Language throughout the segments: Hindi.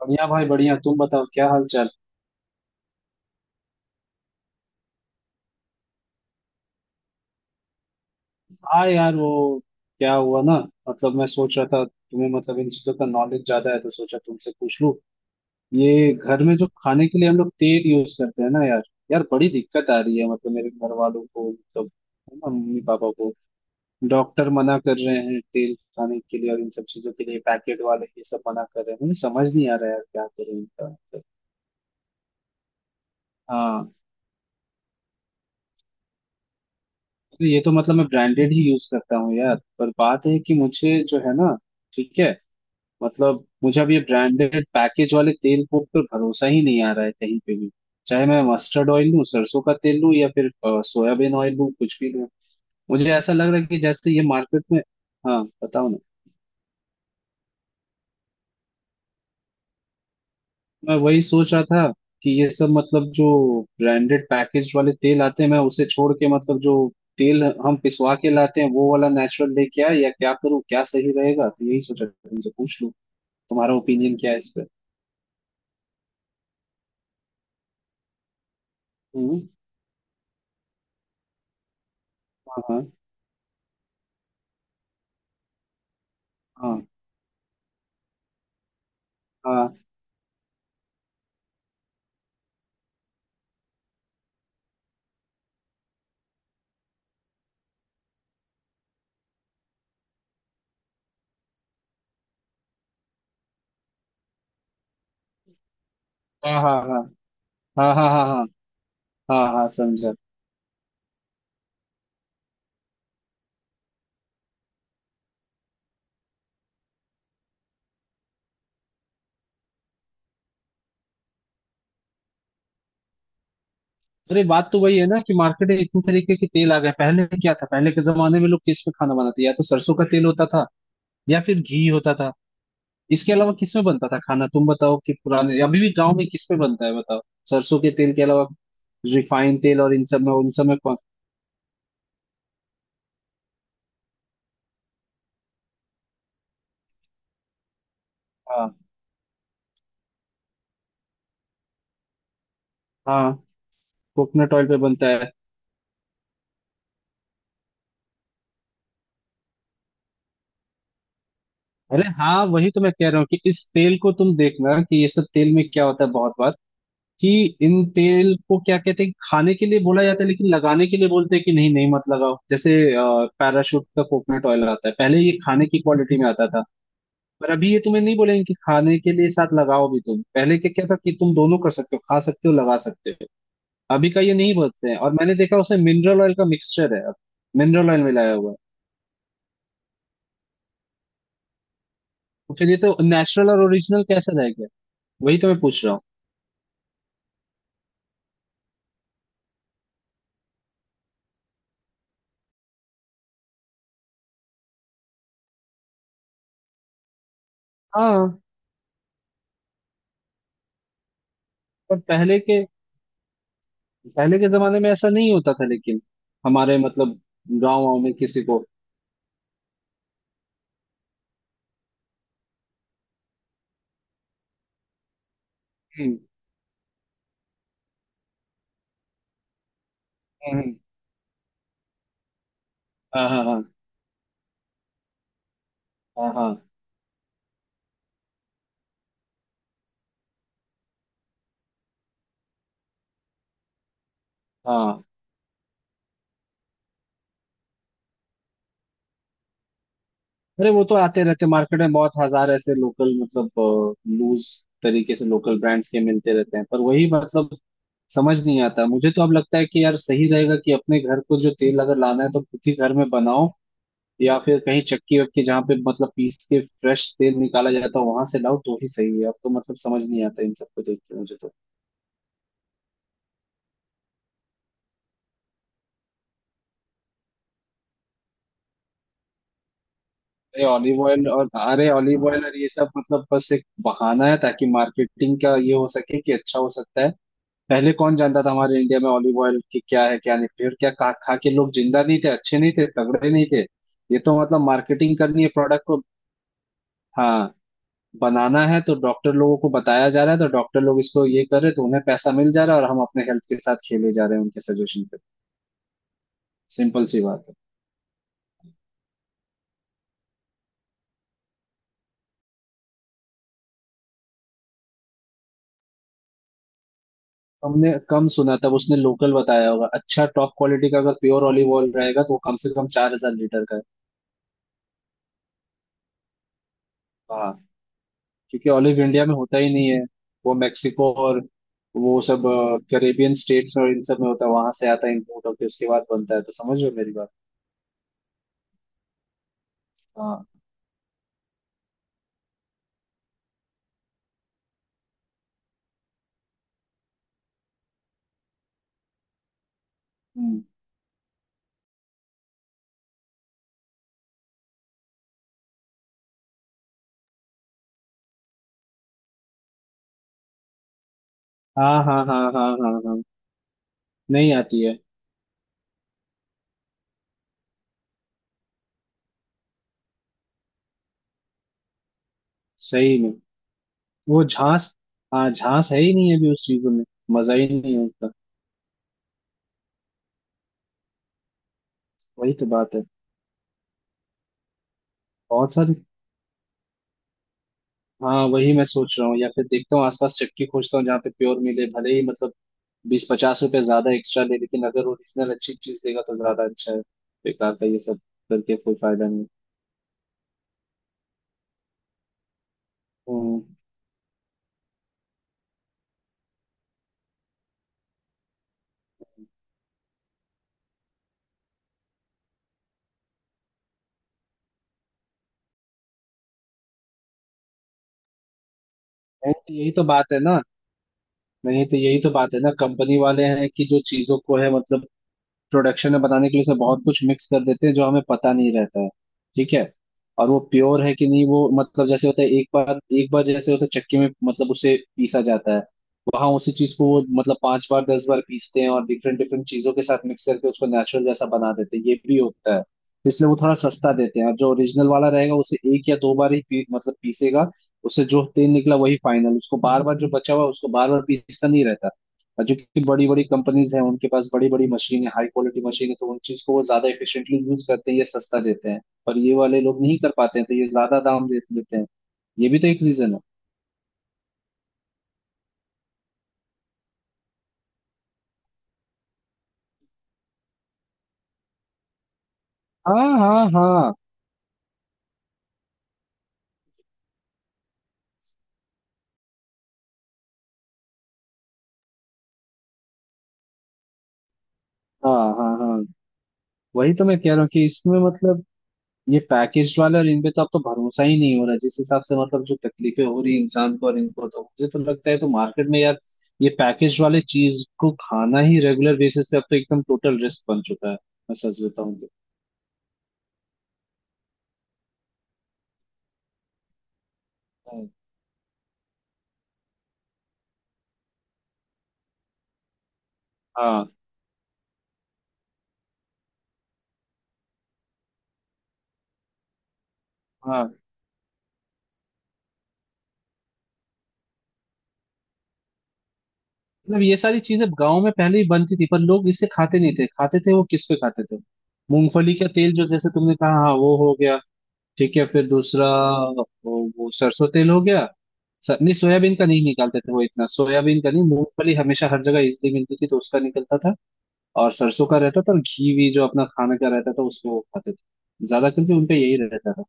बढ़िया भाई बढ़िया। तुम बताओ क्या हाल चाल। हाँ यार वो क्या हुआ ना। मतलब मैं सोच रहा था तुम्हें मतलब इन चीजों का नॉलेज ज्यादा है तो सोचा तुमसे पूछ लूं। ये घर में जो खाने के लिए हम लोग तेल यूज करते हैं ना यार। यार बड़ी दिक्कत आ रही है मतलब मेरे घर वालों को मतलब। है ना, मम्मी पापा को। डॉक्टर मना कर रहे हैं तेल खाने के लिए, और इन सब चीजों के लिए पैकेट वाले ये सब मना कर रहे हैं। मुझे समझ नहीं आ रहा यार क्या करें इनका मतलब। हाँ। तो ये तो मतलब मैं ब्रांडेड ही यूज करता हूँ यार, पर बात है कि मुझे जो है ना। ठीक है। मतलब मुझे अब ये ब्रांडेड पैकेज वाले तेल को पर भरोसा ही नहीं आ रहा है कहीं पे भी। चाहे मैं मस्टर्ड ऑयल लूं, सरसों का तेल लूं, या फिर सोयाबीन ऑयल लूं, कुछ भी लूं। मुझे ऐसा लग रहा है कि जैसे ये मार्केट में। हाँ, बताओ ना। मैं वही सोच रहा था कि ये सब मतलब जो ब्रांडेड पैकेज वाले तेल आते हैं, मैं उसे छोड़ के मतलब जो तेल हम पिसवा के लाते हैं वो वाला नेचुरल लेके आए, या क्या करूँ, क्या सही रहेगा, तो यही सोचा था, तुमसे पूछ लूं। तुम्हारा ओपिनियन क्या है इस पर। हम्म। हाँ, हाँ, हाँ, हाँ, हाँ, हाँ, हाँ, हाँ, हाँ, हाँ, हाँ, हाँ, हाँ, समझा। अरे बात तो वही है ना कि मार्केट में इतने तरीके के तेल आ गए। पहले क्या था, पहले के जमाने में लोग किस में खाना बनाते? या तो सरसों का तेल होता था या फिर घी होता था। इसके अलावा किस में बनता था खाना? तुम बताओ कि पुराने, अभी भी गांव में किस में बनता है, बताओ, सरसों के तेल के अलावा। रिफाइंड तेल और इन सब में, उन सब में कौन। हाँ, हाँ। कोकोनट ऑयल पे बनता है। अरे हाँ, वही तो मैं कह रहा हूँ कि इस तेल को तुम देखना कि ये सब तेल में क्या होता है बहुत बार। कि इन तेल को क्या कहते हैं, खाने के लिए बोला जाता है लेकिन लगाने के लिए बोलते हैं कि नहीं नहीं मत लगाओ, जैसे पैराशूट का कोकोनट ऑयल आता है, पहले ये खाने की क्वालिटी में आता था। पर अभी ये तुम्हें नहीं बोलेंगे कि खाने के लिए साथ लगाओ भी तुम, पहले क्या क्या था कि तुम दोनों कर सकते हो, खा सकते हो लगा सकते हो। अभी का ये नहीं बोलते हैं, और मैंने देखा उसमें मिनरल ऑयल का मिक्सचर है अब। मिनरल ऑयल मिलाया हुआ है। तो फिर ये तो नेचुरल और ओरिजिनल कैसे रह गया? वही तो मैं पूछ रहा हूँ। हाँ। पर पहले के जमाने में ऐसा नहीं होता था, लेकिन हमारे मतलब गाँव वाँव में किसी को। हम्म, हम्म, हाँ, हाँ, हाँ, हाँ, हाँ, हाँ। अरे वो तो आते रहते मार्केट में, बहुत हजार ऐसे लोकल, मतलब लूज तरीके से लोकल ब्रांड्स के मिलते रहते हैं, पर वही मतलब समझ नहीं आता, मुझे तो अब लगता है कि यार सही रहेगा कि अपने घर को जो तेल अगर लाना है तो खुद ही घर में बनाओ। या फिर कहीं चक्की वक्की जहाँ पे मतलब पीस के फ्रेश तेल निकाला जाता है वहां से लाओ तो ही सही है। अब तो मतलब समझ नहीं आता इन सबको देख के मुझे तो। अरे ऑलिव ऑयल और ये सब मतलब बस एक बहाना है ताकि मार्केटिंग का ये हो सके कि अच्छा हो सकता है। पहले कौन जानता था हमारे इंडिया में ऑलिव ऑयल की क्या है क्या नहीं, और क्या खा खा के लोग जिंदा नहीं थे, अच्छे नहीं थे, तगड़े नहीं थे? ये तो मतलब मार्केटिंग करनी है प्रोडक्ट को। हाँ। बनाना है तो डॉक्टर लोगों को बताया जा रहा है, तो डॉक्टर लोग इसको ये कर रहे हैं, तो उन्हें पैसा मिल जा रहा है, और हम अपने हेल्थ के साथ खेले जा रहे हैं उनके सजेशन पे। सिंपल सी बात है। हमने कम सुना, तब उसने लोकल बताया होगा। अच्छा, टॉप क्वालिटी का अगर प्योर ऑलिव ऑयल रहेगा तो वो कम से कम 4,000 लीटर का है बाहर। क्योंकि ऑलिव इंडिया में होता ही नहीं है। वो मेक्सिको और वो सब कैरेबियन स्टेट्स में और इन सब में होता है, वहां से आता है इम्पोर्ट होकर उसके बाद बनता है, तो समझ रहे हो मेरी बात? हाँ। हम्म। हाँ, हाँ, हाँ, हाँ, हाँ, हाँ। नहीं आती है। सही में। वो झांस। हाँ, झांस है ही नहीं अभी उस चीजों में। मजा ही नहीं है उसका। वही तो बात है। बहुत सारी। हाँ, वही मैं सोच रहा हूँ, या फिर देखता हूँ आसपास चक्की खोजता हूँ जहाँ पे प्योर मिले, भले ही मतलब 20-50 रुपए ज्यादा एक्स्ट्रा ले, लेकिन अगर ओरिजिनल अच्छी चीज देगा तो ज्यादा अच्छा है। बेकार का ये सब करके कोई फायदा नहीं। हम्म। नहीं तो यही तो बात है ना नहीं तो यही तो बात है ना, कंपनी वाले हैं कि जो चीजों को है मतलब प्रोडक्शन में बनाने के लिए उसमें बहुत कुछ मिक्स कर देते हैं जो हमें पता नहीं रहता है। ठीक है। और वो प्योर है कि नहीं, वो मतलब जैसे होता है एक बार एक बार, जैसे होता है चक्की में मतलब उसे पीसा जाता है। वहां उसी चीज को वो मतलब 5 बार 10 बार पीसते हैं और डिफरेंट डिफरेंट चीजों के साथ मिक्स करके उसको नेचुरल जैसा बना देते हैं, ये भी होता है। इसलिए वो थोड़ा सस्ता देते हैं। और जो ओरिजिनल वाला रहेगा उसे 1 या 2 बार ही पी, मतलब पीसेगा। उससे जो तेल निकला वही फाइनल, उसको बार बार जो बचा हुआ है, उसको बार बार पीसना नहीं रहता। और जो कि बड़ी बड़ी कंपनीज हैं उनके पास बड़ी बड़ी मशीन है, हाई क्वालिटी मशीन है, तो उन चीज को वो ज्यादा एफिशिएंटली यूज करते हैं, ये सस्ता देते हैं। पर ये वाले लोग नहीं कर पाते हैं तो ये ज्यादा दाम दे देते हैं। ये भी तो एक रीजन है। हाँ, हाँ, हाँ, हाँ, हाँ, हाँ। वही तो मैं कह रहा हूँ कि इसमें मतलब ये पैकेज वाले और इनपे तो अब तो भरोसा ही नहीं हो रहा, जिस हिसाब से मतलब जो तकलीफें हो रही है इंसान को और इनको, तो मुझे तो लगता है, तो मार्केट में यार ये पैकेज वाले चीज को खाना ही रेगुलर बेसिस पे अब तो एकदम टोटल रिस्क बन चुका है, मैं सच बताऊं तो। हाँ, हाँ। मतलब ये सारी चीजें गांव में पहले ही बनती थी पर लोग इसे खाते नहीं थे। खाते थे वो किस पे खाते थे? मूंगफली का तेल, जो जैसे तुमने कहा, हाँ वो हो गया। ठीक है, फिर दूसरा। वो, वो सरसों तेल हो गया। नहीं, सोयाबीन का नहीं निकालते थे वो इतना, सोयाबीन का नहीं, मूंगफली हमेशा हर जगह इजली मिलती थी तो उसका निकलता था। और सरसों का रहता था, और घी भी जो अपना खाने का रहता था उसमें वो खाते थे ज्यादा करके, उनपे यही रहता था।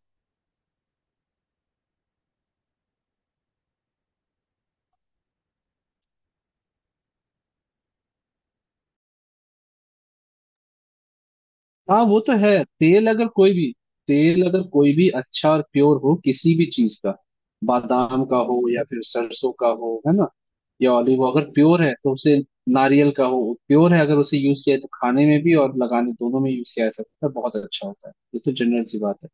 हाँ, वो तो है। तेल अगर कोई भी तेल अगर कोई भी अच्छा और प्योर हो किसी भी चीज का, बादाम का हो या फिर सरसों का हो, है ना? या ऑलिव अगर प्योर है तो उसे, नारियल का हो, प्योर है, अगर उसे यूज किया जाए तो खाने में भी और लगाने दोनों में यूज किया जा सकता है, बहुत अच्छा होता है, ये तो जनरल सी बात है।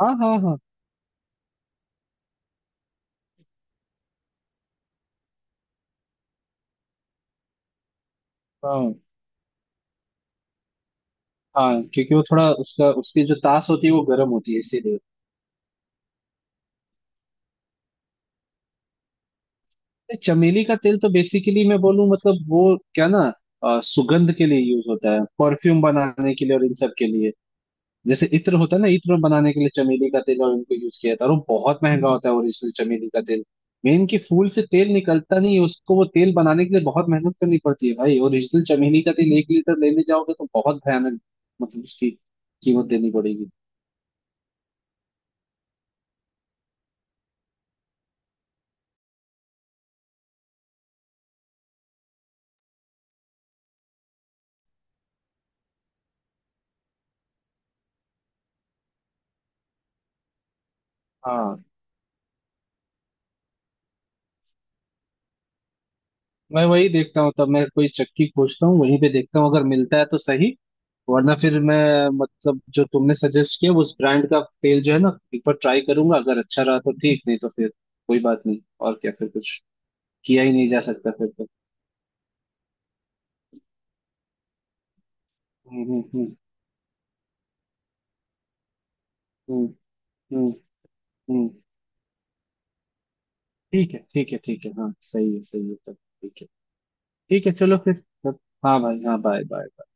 हाँ, हाँ, हाँ, हाँ, हाँ। क्योंकि वो थोड़ा उसका उसकी जो तास होती है वो गर्म होती है, इसीलिए। चमेली का तेल तो बेसिकली मैं बोलूँ मतलब वो क्या ना, सुगंध के लिए यूज होता है, परफ्यूम बनाने के लिए और इन सब के लिए। जैसे इत्र होता है ना, इत्र बनाने के लिए चमेली का तेल और इनको यूज किया था, और वो बहुत महंगा होता है ओरिजिनल चमेली का तेल। मेन कि फूल से तेल निकलता नहीं है, उसको वो तेल बनाने के लिए बहुत मेहनत करनी पड़ती है भाई। ओरिजिनल चमेली का तेल 1 लीटर लेने जाओगे तो बहुत भयानक मतलब उसकी कीमत देनी पड़ेगी। हाँ। मैं वही देखता हूँ, तब मैं कोई चक्की खोजता हूँ, वहीं पे देखता हूँ, अगर मिलता है तो सही। वरना फिर मैं मतलब जो तुमने सजेस्ट किया उस ब्रांड का तेल जो है ना, एक बार ट्राई करूंगा, अगर अच्छा रहा तो ठीक, नहीं तो फिर कोई बात नहीं। और क्या फिर, कुछ किया ही नहीं जा सकता फिर तो। हम्म, हम्म, हम्म, हम्म, हम्म। ठीक है, ठीक है, ठीक है। हाँ, सही है, सही है, तब ठीक है। ठीक है, चलो फिर। तब। हाँ भाई, हाँ बाय बाय।